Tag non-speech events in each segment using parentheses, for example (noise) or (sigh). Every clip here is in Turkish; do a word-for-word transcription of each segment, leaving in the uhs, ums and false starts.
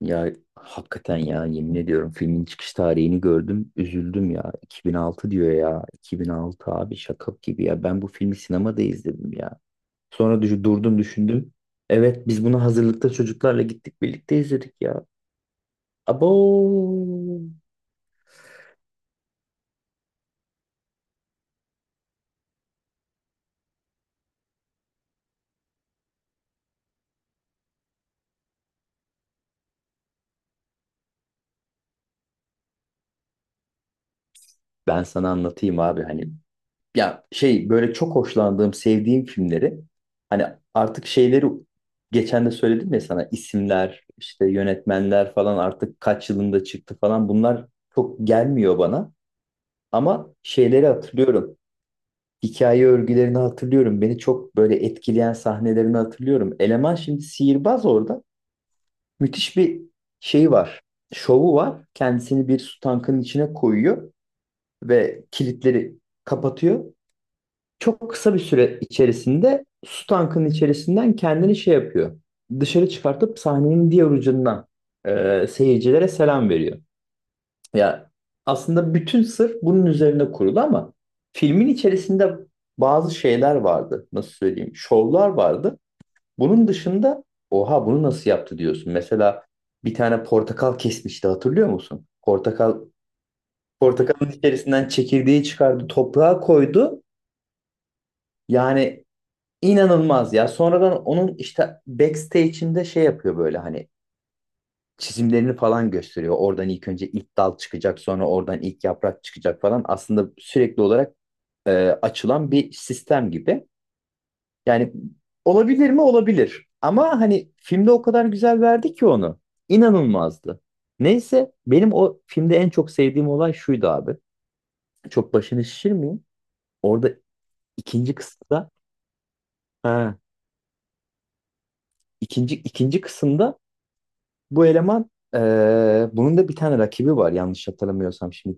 Ya hakikaten ya yemin ediyorum filmin çıkış tarihini gördüm üzüldüm ya iki bin altı diyor ya iki bin altı abi şaka gibi ya ben bu filmi sinemada izledim ya sonra düş- durdum düşündüm. Evet biz bunu hazırlıkta çocuklarla gittik birlikte izledik ya. Abo. Ben sana anlatayım abi hani ya şey böyle çok hoşlandığım, sevdiğim filmleri, hani artık şeyleri, geçen de söyledim ya sana, isimler, işte yönetmenler falan artık kaç yılında çıktı falan, bunlar çok gelmiyor bana. Ama şeyleri hatırlıyorum. Hikaye örgülerini hatırlıyorum. Beni çok böyle etkileyen sahnelerini hatırlıyorum. Eleman şimdi sihirbaz orada. Müthiş bir şey var. Şovu var. Kendisini bir su tankının içine koyuyor ve kilitleri kapatıyor. Çok kısa bir süre içerisinde su tankının içerisinden kendini şey yapıyor. Dışarı çıkartıp sahnenin diğer ucundan e, seyircilere selam veriyor. Ya aslında bütün sır bunun üzerine kurulu ama filmin içerisinde bazı şeyler vardı. Nasıl söyleyeyim? Şovlar vardı. Bunun dışında oha bunu nasıl yaptı diyorsun. Mesela bir tane portakal kesmişti, hatırlıyor musun? Portakal, portakalın içerisinden çekirdeği çıkardı, toprağa koydu. Yani İnanılmaz ya. Sonradan onun işte backstage'inde şey yapıyor böyle, hani çizimlerini falan gösteriyor. Oradan ilk önce ilk dal çıkacak, sonra oradan ilk yaprak çıkacak falan. Aslında sürekli olarak e, açılan bir sistem gibi. Yani olabilir mi? Olabilir. Ama hani filmde o kadar güzel verdi ki onu. İnanılmazdı. Neyse benim o filmde en çok sevdiğim olay şuydu abi. Çok başını şişirmeyeyim. Orada ikinci kısımda, ha, ikinci ikinci kısımda bu eleman eee, bunun da bir tane rakibi var yanlış hatırlamıyorsam şimdi,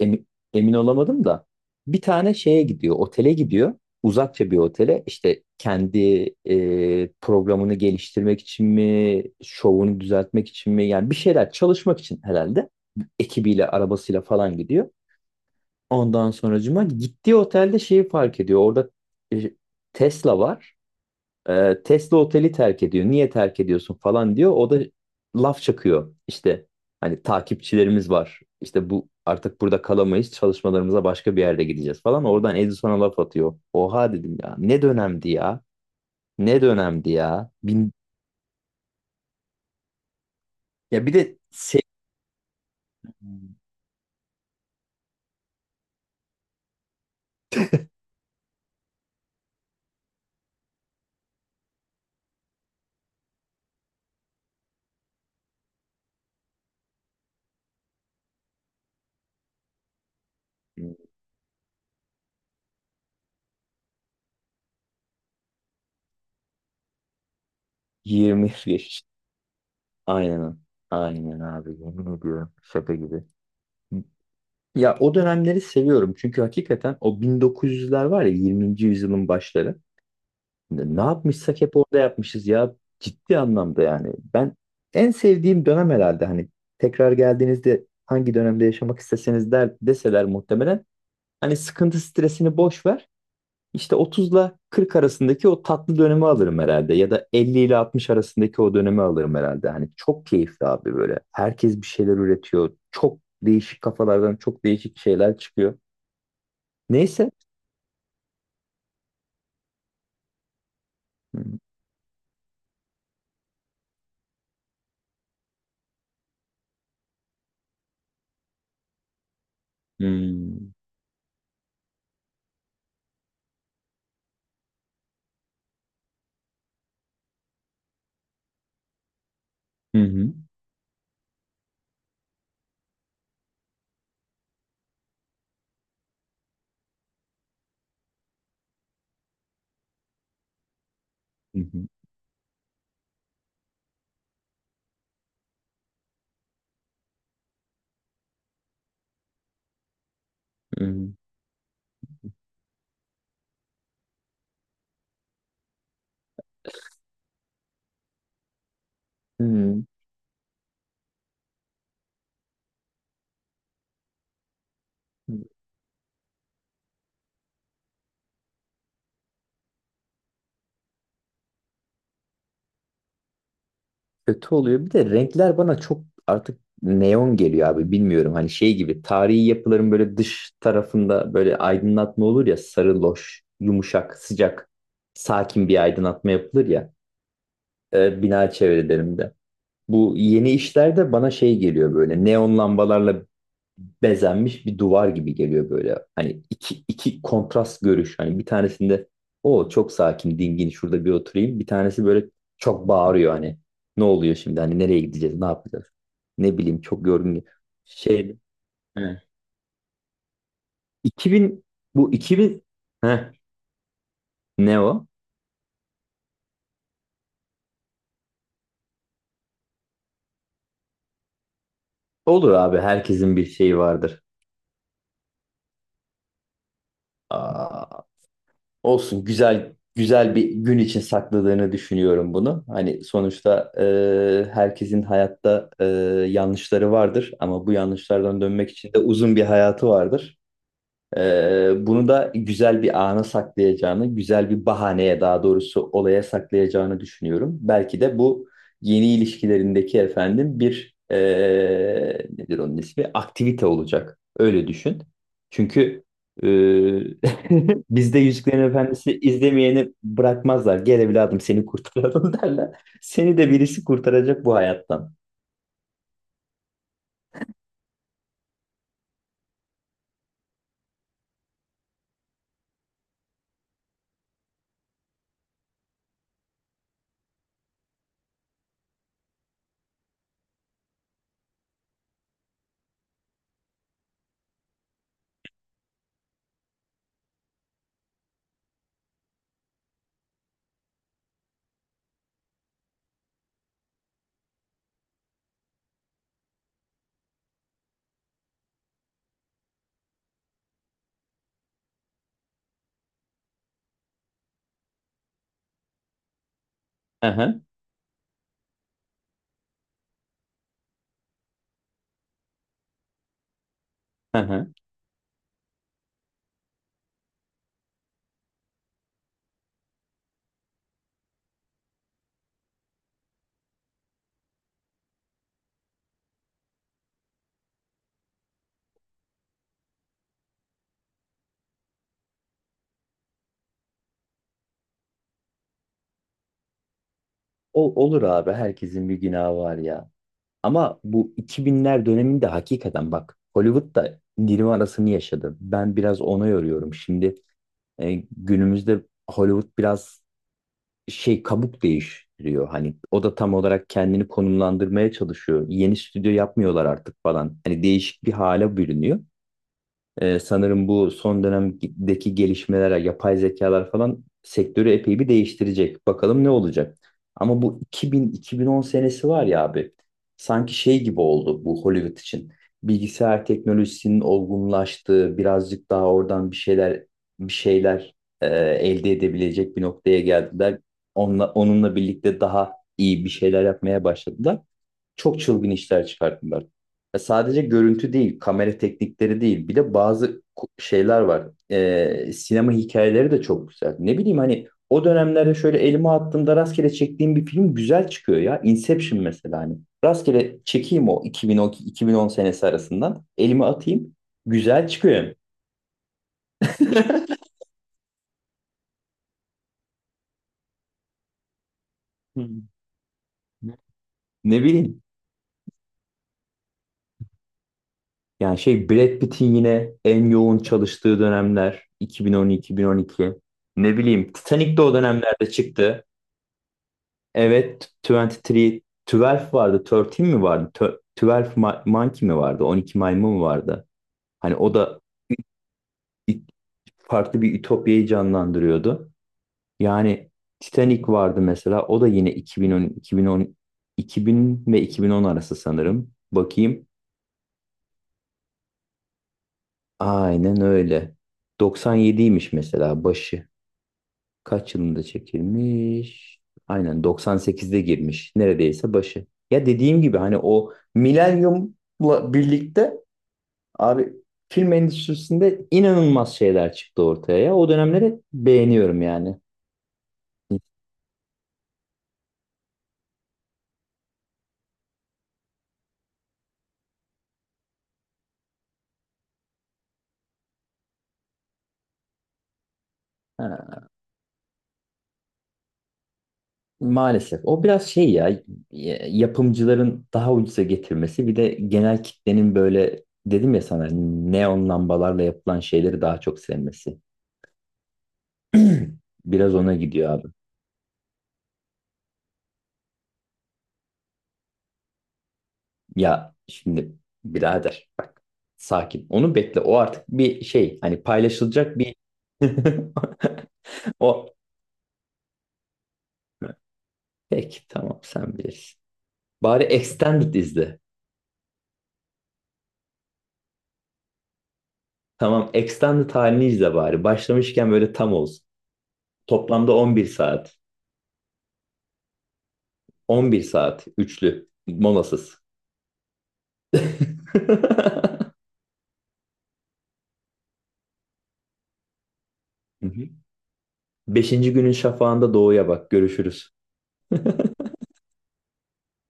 emi- emin olamadım da, bir tane şeye gidiyor, otele gidiyor, uzakça bir otele, işte kendi eee, programını geliştirmek için mi şovunu düzeltmek için mi, yani bir şeyler çalışmak için herhalde ekibiyle arabasıyla falan gidiyor. Ondan sonracıma gittiği otelde şeyi fark ediyor orada, e, Tesla var. ee, Tesla oteli terk ediyor. Niye terk ediyorsun falan diyor. O da laf çakıyor. İşte hani takipçilerimiz var. İşte bu artık burada kalamayız. Çalışmalarımıza başka bir yerde gideceğiz falan. Oradan Edison'a laf atıyor. Oha dedim ya. Ne dönemdi ya. Ne dönemdi ya. Bin... Ya bir de se- yirmi yaş. Aynen. Aynen abi. Yemin ediyorum. Şaka gibi. Ya o dönemleri seviyorum. Çünkü hakikaten o bin dokuz yüzler var ya, yirminci yüzyılın başları. Ne yapmışsak hep orada yapmışız ya. Ciddi anlamda yani. Ben en sevdiğim dönem herhalde, hani tekrar geldiğinizde hangi dönemde yaşamak isteseniz der, deseler, muhtemelen hani sıkıntı stresini boş ver, İşte otuzla kırk arasındaki o tatlı dönemi alırım herhalde, ya da elli ile altmış arasındaki o dönemi alırım herhalde. Hani çok keyifli abi böyle. Herkes bir şeyler üretiyor. Çok değişik kafalardan çok değişik şeyler çıkıyor. Neyse. Hı hı. Hı hı. Hı hı. Hı hı. Hı hı. Kötü oluyor. Bir de renkler bana çok artık neon geliyor abi, bilmiyorum. Hani şey gibi, tarihi yapıların böyle dış tarafında böyle aydınlatma olur ya, sarı loş, yumuşak, sıcak, sakin bir aydınlatma yapılır ya e, bina çevrelerinde. Bu yeni işlerde bana şey geliyor böyle, neon lambalarla bezenmiş bir duvar gibi geliyor böyle. Hani iki, iki kontrast görüş. Hani bir tanesinde o çok sakin, dingin, şurada bir oturayım. Bir tanesi böyle çok bağırıyor hani. Ne oluyor şimdi? Hani nereye gideceğiz? Ne yapacağız? Ne bileyim, çok yorgun. Şey, he. iki bin, bu iki bin. Heh, ne o? Olur abi, herkesin bir şeyi vardır. Aa, olsun, güzel güzel bir gün için sakladığını düşünüyorum bunu. Hani sonuçta e, herkesin hayatta e, yanlışları vardır, ama bu yanlışlardan dönmek için de uzun bir hayatı vardır. Ee, bunu da güzel bir ana saklayacağını, güzel bir bahaneye, daha doğrusu olaya saklayacağını düşünüyorum. Belki de bu yeni ilişkilerindeki, efendim, bir ee, nedir onun ismi, aktivite olacak. Öyle düşün. Çünkü ee, (laughs) bizde Yüzüklerin Efendisi izlemeyeni bırakmazlar. Gel evladım seni kurtaralım, (laughs) derler. Seni de birisi kurtaracak bu hayattan. Aha, aha. O, olur abi, herkesin bir günahı var ya. Ama bu iki binler döneminde hakikaten bak, Hollywood da Nirvana'sını yaşadı. Ben biraz ona yoruyorum. Şimdi e, günümüzde Hollywood biraz şey, kabuk değiştiriyor. Hani o da tam olarak kendini konumlandırmaya çalışıyor. Yeni stüdyo yapmıyorlar artık falan. Hani değişik bir hale bürünüyor. Ee, sanırım bu son dönemdeki gelişmeler, yapay zekalar falan sektörü epey bir değiştirecek. Bakalım ne olacak. Ama bu iki bin-iki bin on senesi var ya abi, sanki şey gibi oldu bu Hollywood için. Bilgisayar teknolojisinin olgunlaştığı, birazcık daha oradan bir şeyler, bir şeyler e, elde edebilecek bir noktaya geldiler. Onunla, onunla birlikte daha iyi bir şeyler yapmaya başladılar, çok çılgın işler çıkarttılar. Ya sadece görüntü değil, kamera teknikleri değil. Bir de bazı ku- şeyler var. Ee, sinema hikayeleri de çok güzel. Ne bileyim, hani o dönemlerde şöyle elime attığımda rastgele çektiğim bir film güzel çıkıyor ya. Inception mesela, hani. Rastgele çekeyim o iki bin on iki-iki bin on senesi arasından. Elime atayım. Güzel çıkıyor. (laughs) Hı. Ne bileyim. Yani şey, Brad Pitt'in yine en yoğun çalıştığı dönemler iki bin on-iki bin on iki. Ne bileyim, Titanic de o dönemlerde çıktı. Evet, yirmi üç, on iki vardı, on üç mi vardı? Tö- on iki Ma- Monkey mi vardı? On iki Maymun mu vardı? Hani o da it- farklı bir ütopyayı canlandırıyordu. Yani Titanic vardı mesela. O da yine iki bin on, iki bin on, iki bin ve iki bin on arası sanırım. Bakayım. Aynen öyle. doksan yediymiş mesela başı. Kaç yılında çekilmiş? Aynen doksan sekizde girmiş. Neredeyse başı. Ya dediğim gibi, hani o milenyumla birlikte abi, film endüstrisinde inanılmaz şeyler çıktı ortaya ya. O dönemleri beğeniyorum yani. Ha, maalesef. O biraz şey ya, y- yapımcıların daha ucuza getirmesi, bir de genel kitlenin, böyle dedim ya sana, neon lambalarla yapılan şeyleri daha çok sevmesi. (clears throat) Biraz ona gidiyor abi. Ya şimdi birader bak, sakin. Onu bekle. O artık bir şey, hani paylaşılacak bir (laughs) o. Peki, tamam, sen bilirsin. Bari Extended izle. Tamam Extended halini izle bari. Başlamışken böyle tam olsun. Toplamda on bir saat. on bir saat üçlü molasız. (laughs) Hı hı. Beşinci günün şafağında doğuya bak. Görüşürüz. (laughs)